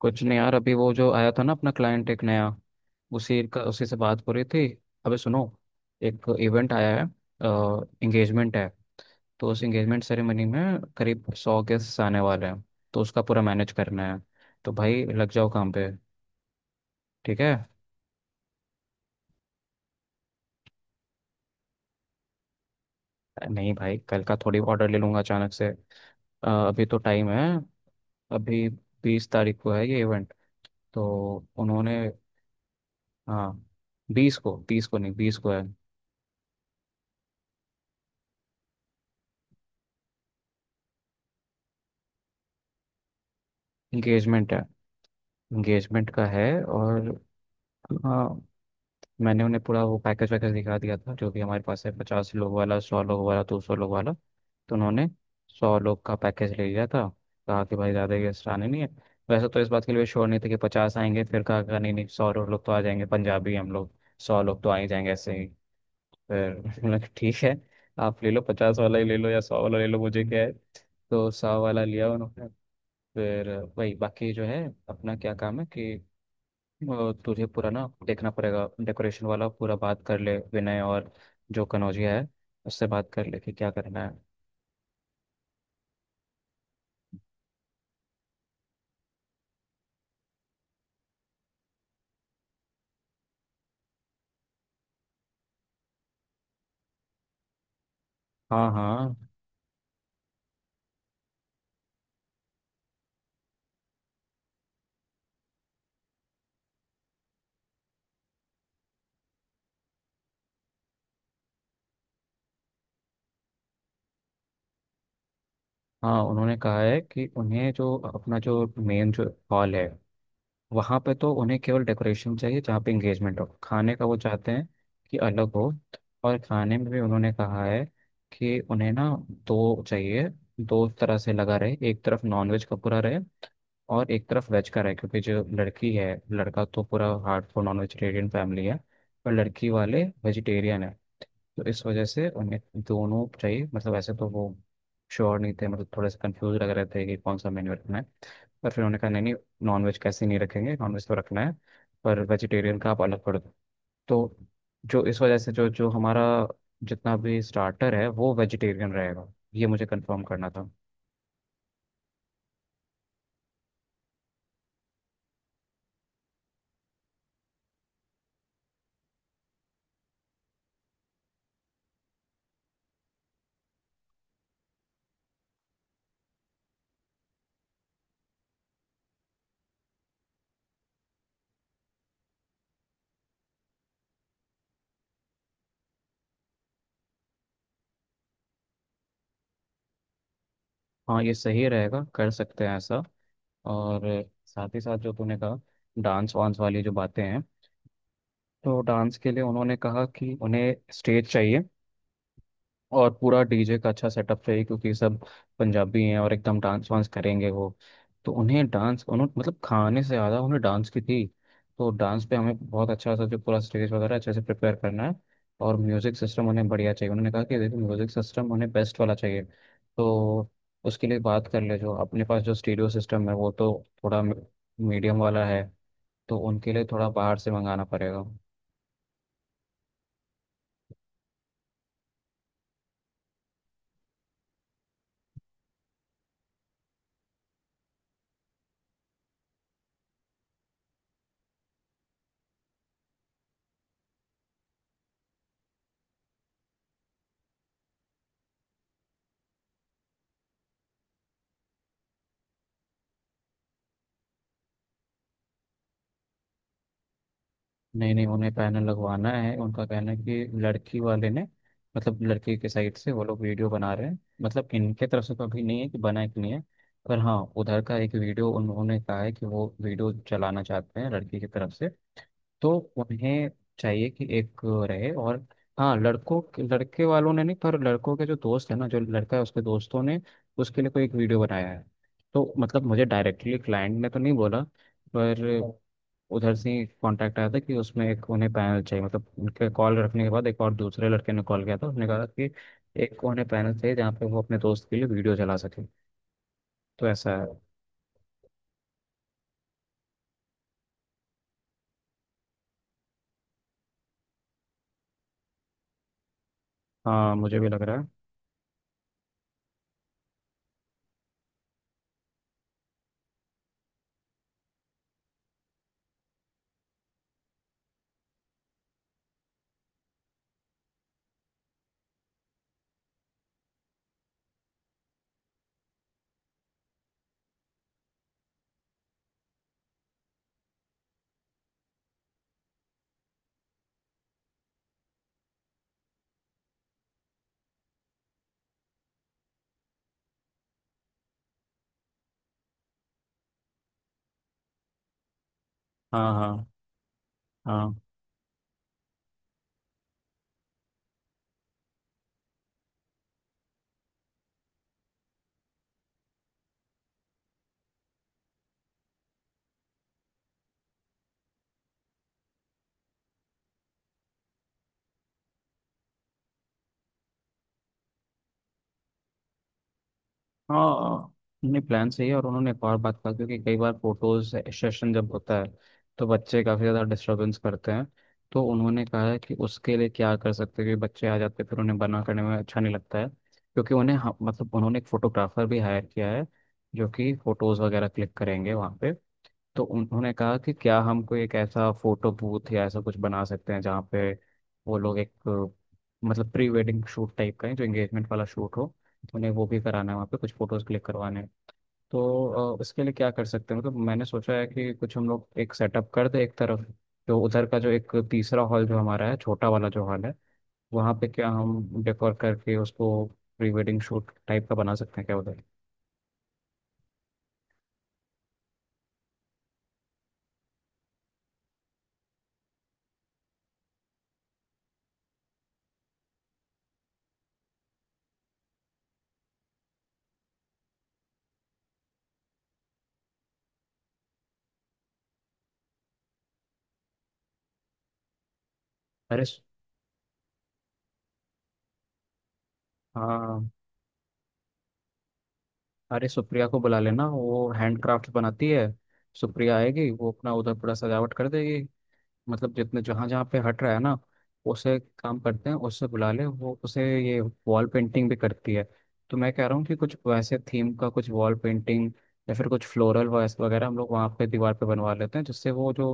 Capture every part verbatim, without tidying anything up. कुछ नहीं यार। अभी वो जो आया था ना, अपना क्लाइंट एक नया, उसी का उसी से बात हो रही थी। अबे सुनो, एक इवेंट आया है। एंगेजमेंट है। तो उस एंगेजमेंट सेरेमनी में करीब सौ गेस्ट आने वाले हैं। तो उसका पूरा मैनेज करना है। तो भाई लग जाओ काम पे। ठीक है। नहीं भाई, कल का थोड़ी ऑर्डर ले लूँगा अचानक से। अ, अभी तो टाइम है। अभी। बीस तारीख को है ये इवेंट। तो उन्होंने, हाँ, बीस को, बीस को नहीं, बीस को है। इंगेजमेंट है, इंगेजमेंट का है। और हाँ, मैंने उन्हें पूरा वो पैकेज वैकेज दिखा दिया था, जो भी हमारे पास है। पचास लोग वाला, सौ लोग वाला, दो सौ लोग वाला। तो उन्होंने सौ लोग का पैकेज ले लिया था। कहा कि भाई, ज़्यादा गेस्ट आने नहीं है। वैसे तो इस बात के लिए श्योर नहीं थे कि पचास आएंगे। फिर कहा कहा, नहीं नहीं, सौ लोग तो आ जाएंगे, पंजाबी हम लोग। सौ लोग तो आ ही जाएंगे ऐसे ही। फिर मैंने कहा, ठीक है। आप ले लो, पचास वाला ही ले लो या सौ वाला ले लो, मुझे क्या है। तो सौ वाला लिया उन्होंने। फिर वही बाकी जो है, अपना क्या काम है कि अ, तुझे पूरा ना देखना पड़ेगा डेकोरेशन वाला। पूरा बात कर ले विनय और जो कनौजिया है, उससे बात कर ले कि क्या करना है। हाँ हाँ हाँ। उन्होंने कहा है कि उन्हें जो अपना जो मेन जो हॉल है, वहाँ पे तो उन्हें केवल डेकोरेशन चाहिए। जहाँ पे इंगेजमेंट हो, खाने का वो चाहते हैं कि अलग हो। और खाने में भी उन्होंने कहा है कि उन्हें ना दो चाहिए, दो तरह से लगा रहे, एक तरफ नॉनवेज का पूरा रहे, और एक तरफ वेज का है। क्योंकि जो लड़की है, लड़का तो पूरा हार्डकोर नॉन वेजिटेरियन फैमिली है, पर लड़की वाले वेजिटेरियन है। तो इस वजह से उन्हें दोनों चाहिए। मतलब ऐसे तो वो श्योर नहीं थे, मतलब थोड़े से कंफ्यूज लग रहे थे कि कौन सा मेन्यू रखना है। पर फिर उन्होंने कहा, नहीं नहीं, नॉन वेज कैसे नहीं रखेंगे, नॉन वेज तो रखना है, पर वेजिटेरियन का आप अलग कर दो। तो जो इस वजह से जो जो हमारा जितना भी स्टार्टर है वो वेजिटेरियन रहेगा, ये मुझे कंफर्म करना था। हाँ, ये सही रहेगा, कर सकते हैं ऐसा। और साथ ही साथ जो तूने कहा, डांस वांस वाली जो बातें हैं, तो डांस के लिए उन्होंने कहा कि उन्हें स्टेज चाहिए, और पूरा डीजे का अच्छा सेटअप चाहिए, क्योंकि सब पंजाबी हैं और एकदम डांस वांस करेंगे वो। तो उन्हें डांस उन्होंने मतलब, खाने से ज़्यादा उन्हें डांस की थी। तो डांस पे हमें बहुत अच्छा सा जो पूरा स्टेज वगैरह अच्छे से प्रिपेयर करना है। और म्यूज़िक सिस्टम उन्हें बढ़िया चाहिए। उन्होंने कहा कि देखो, म्यूज़िक सिस्टम उन्हें बेस्ट वाला चाहिए। तो उसके लिए बात कर ले। जो अपने पास जो स्टीरियो सिस्टम है वो तो थोड़ा मीडियम वाला है, तो उनके लिए थोड़ा बाहर से मंगाना पड़ेगा। नहीं नहीं, उन्हें पैनल लगवाना है। उनका कहना है कि लड़की वाले ने, मतलब लड़की के साइड से वो लोग वीडियो बना रहे हैं, मतलब इनके तरफ से तो अभी नहीं है कि बना है कि नहीं है। पर हाँ, उधर का एक वीडियो उन्होंने कहा है कि वो वीडियो चलाना चाहते हैं, लड़की की तरफ से। तो उन्हें चाहिए कि एक रहे। और हाँ, लड़कों, लड़के वालों ने नहीं, पर लड़कों के जो दोस्त है ना, जो लड़का है उसके दोस्तों ने उसके लिए कोई एक वीडियो बनाया है। तो मतलब मुझे डायरेक्टली क्लाइंट ने तो नहीं बोला, पर उधर से ही कांटेक्ट आया था कि उसमें एक उन्हें पैनल चाहिए। मतलब उनके कॉल रखने के बाद एक और दूसरे लड़के ने कॉल किया था, उसने कहा कि एक उन्हें पैनल चाहिए जहाँ पे वो अपने दोस्त के लिए वीडियो चला सके। तो ऐसा है। हाँ, मुझे भी लग रहा है। हाँ हाँ हाँ हाँ। नहीं, प्लान सही है। और उन्होंने एक और बात कहा, क्योंकि कई बार फोटोज सेशन जब होता है, तो बच्चे काफ़ी ज़्यादा डिस्टरबेंस करते हैं। तो उन्होंने कहा है कि उसके लिए क्या कर सकते हैं कि बच्चे आ जाते हैं, फिर उन्हें बना करने में अच्छा नहीं लगता है, क्योंकि उन्हें, हाँ, मतलब उन्होंने एक फोटोग्राफर भी हायर किया है, जो कि फोटोज़ वगैरह क्लिक करेंगे वहाँ पे। तो उन्होंने कहा कि क्या हम कोई एक ऐसा फोटो बूथ या ऐसा कुछ बना सकते हैं जहाँ पे वो लोग एक, अ, मतलब प्री वेडिंग शूट टाइप का है, जो एंगेजमेंट वाला शूट हो, उन्हें वो भी कराना है, वहाँ पे कुछ फोटोज क्लिक करवाने हैं। तो अ, इसके लिए क्या कर सकते हैं, मतलब मैंने सोचा है कि कुछ हम लोग एक सेटअप कर दे एक तरफ, जो उधर का जो एक तीसरा हॉल जो हमारा है, छोटा वाला जो हॉल है, वहाँ पे क्या हम डेकोर करके उसको प्री वेडिंग शूट टाइप का बना सकते हैं क्या उधर। अरे स- हाँ। अरे सुप्रिया को बुला लेना, वो हैंडक्राफ्ट बनाती है। सुप्रिया आएगी, वो अपना उधर पूरा सजावट कर देगी, मतलब जितने जहाँ जहाँ पे हट रहा है ना, उसे काम करते हैं, उससे बुला ले। वो उसे ये वॉल पेंटिंग भी करती है। तो मैं कह रहा हूँ कि कुछ वैसे थीम का कुछ वॉल पेंटिंग या फिर कुछ फ्लोरल वगैरह हम लोग वहाँ पे दीवार पे बनवा लेते हैं, जिससे वो जो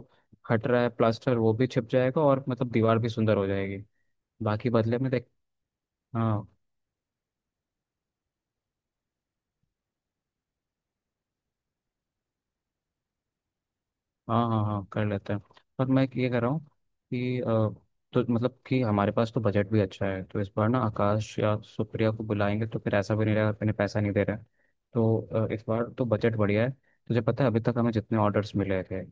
हट रहा है प्लास्टर वो भी छिप जाएगा, और मतलब दीवार भी सुंदर हो जाएगी। बाकी बदले में देख। हाँ हाँ हाँ हाँ, कर लेते हैं। पर मैं ये कह रहा हूँ कि अ, तो मतलब कि हमारे पास तो बजट भी अच्छा है, तो इस बार ना आकाश या सुप्रिया को बुलाएंगे, तो फिर ऐसा भी नहीं रहेगा कि इन्हें पैसा नहीं दे रहा है। तो अ, इस बार तो बजट बढ़िया है। तुझे पता है अभी तक हमें जितने ऑर्डर्स मिले थे,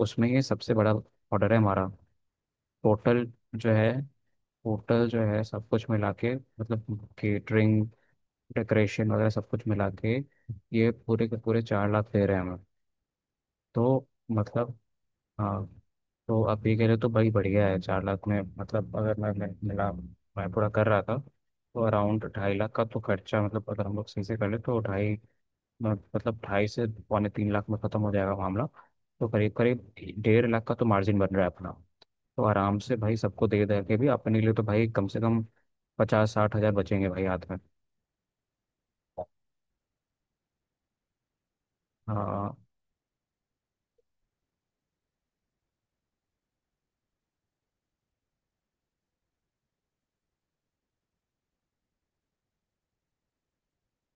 उसमें ये सबसे बड़ा ऑर्डर है हमारा। टोटल जो है टोटल जो है सब कुछ मिला के, मतलब केटरिंग, डेकोरेशन वगैरह सब कुछ मिला के, ये पूरे के पूरे चार लाख दे रहे हैं हमें। तो मतलब, हाँ, तो आप ये कह रहे हो तो भाई बढ़िया है। चार लाख में मतलब अगर मैं मैं- मिला मैं पूरा कर रहा था तो अराउंड ढाई लाख का तो खर्चा, मतलब अगर हम लोग सही से कर ले तो ढाई, मतलब ढाई से पौने तीन लाख में ख़त्म हो जाएगा मामला। तो करीब करीब डेढ़ लाख का तो मार्जिन बन रहा है अपना। तो आराम से भाई सबको दे दे के भी अपने लिए तो भाई कम से कम पचास साठ हज़ार बचेंगे भाई हाथ में। हाँ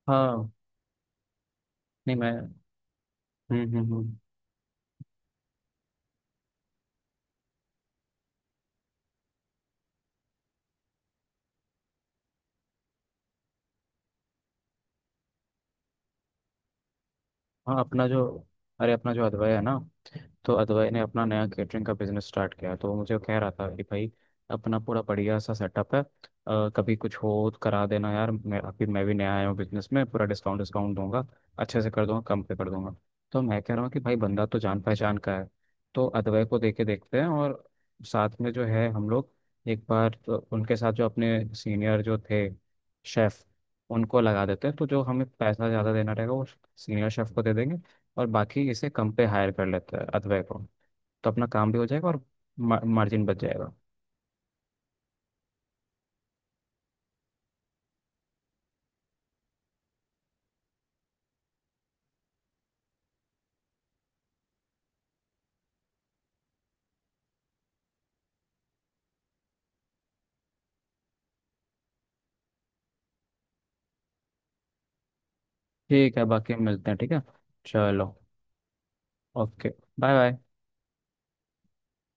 हाँ। नहीं मैं हम्म हम्म हम्म हाँ। अपना जो अरे अपना जो अदवाया है ना, तो अदवाई ने अपना नया केटरिंग का बिजनेस स्टार्ट किया, तो वो मुझे कह रहा था कि भाई, अपना पूरा बढ़िया सा सेटअप है। अ, कभी कुछ हो तो करा देना यार, मैं अभी मैं भी नया आया हूँ बिजनेस में, पूरा डिस्काउंट डिस्काउंट दूंगा, अच्छे से कर दूंगा, कम पे कर दूंगा। तो मैं कह रहा हूँ कि भाई बंदा तो जान पहचान का है, तो अदवाई को देके देखते हैं। और साथ में जो है, हम लोग एक बार तो उनके साथ जो अपने सीनियर जो थे शेफ, उनको लगा देते हैं, तो जो हमें पैसा ज़्यादा देना रहेगा वो सीनियर शेफ को दे देंगे, और बाकी इसे कम पे हायर कर लेते हैं अथवे को। तो अपना काम भी हो जाएगा और मार्जिन बच जाएगा। ठीक है, बाकी हम मिलते हैं। ठीक है, चलो। ओके। Bye bye.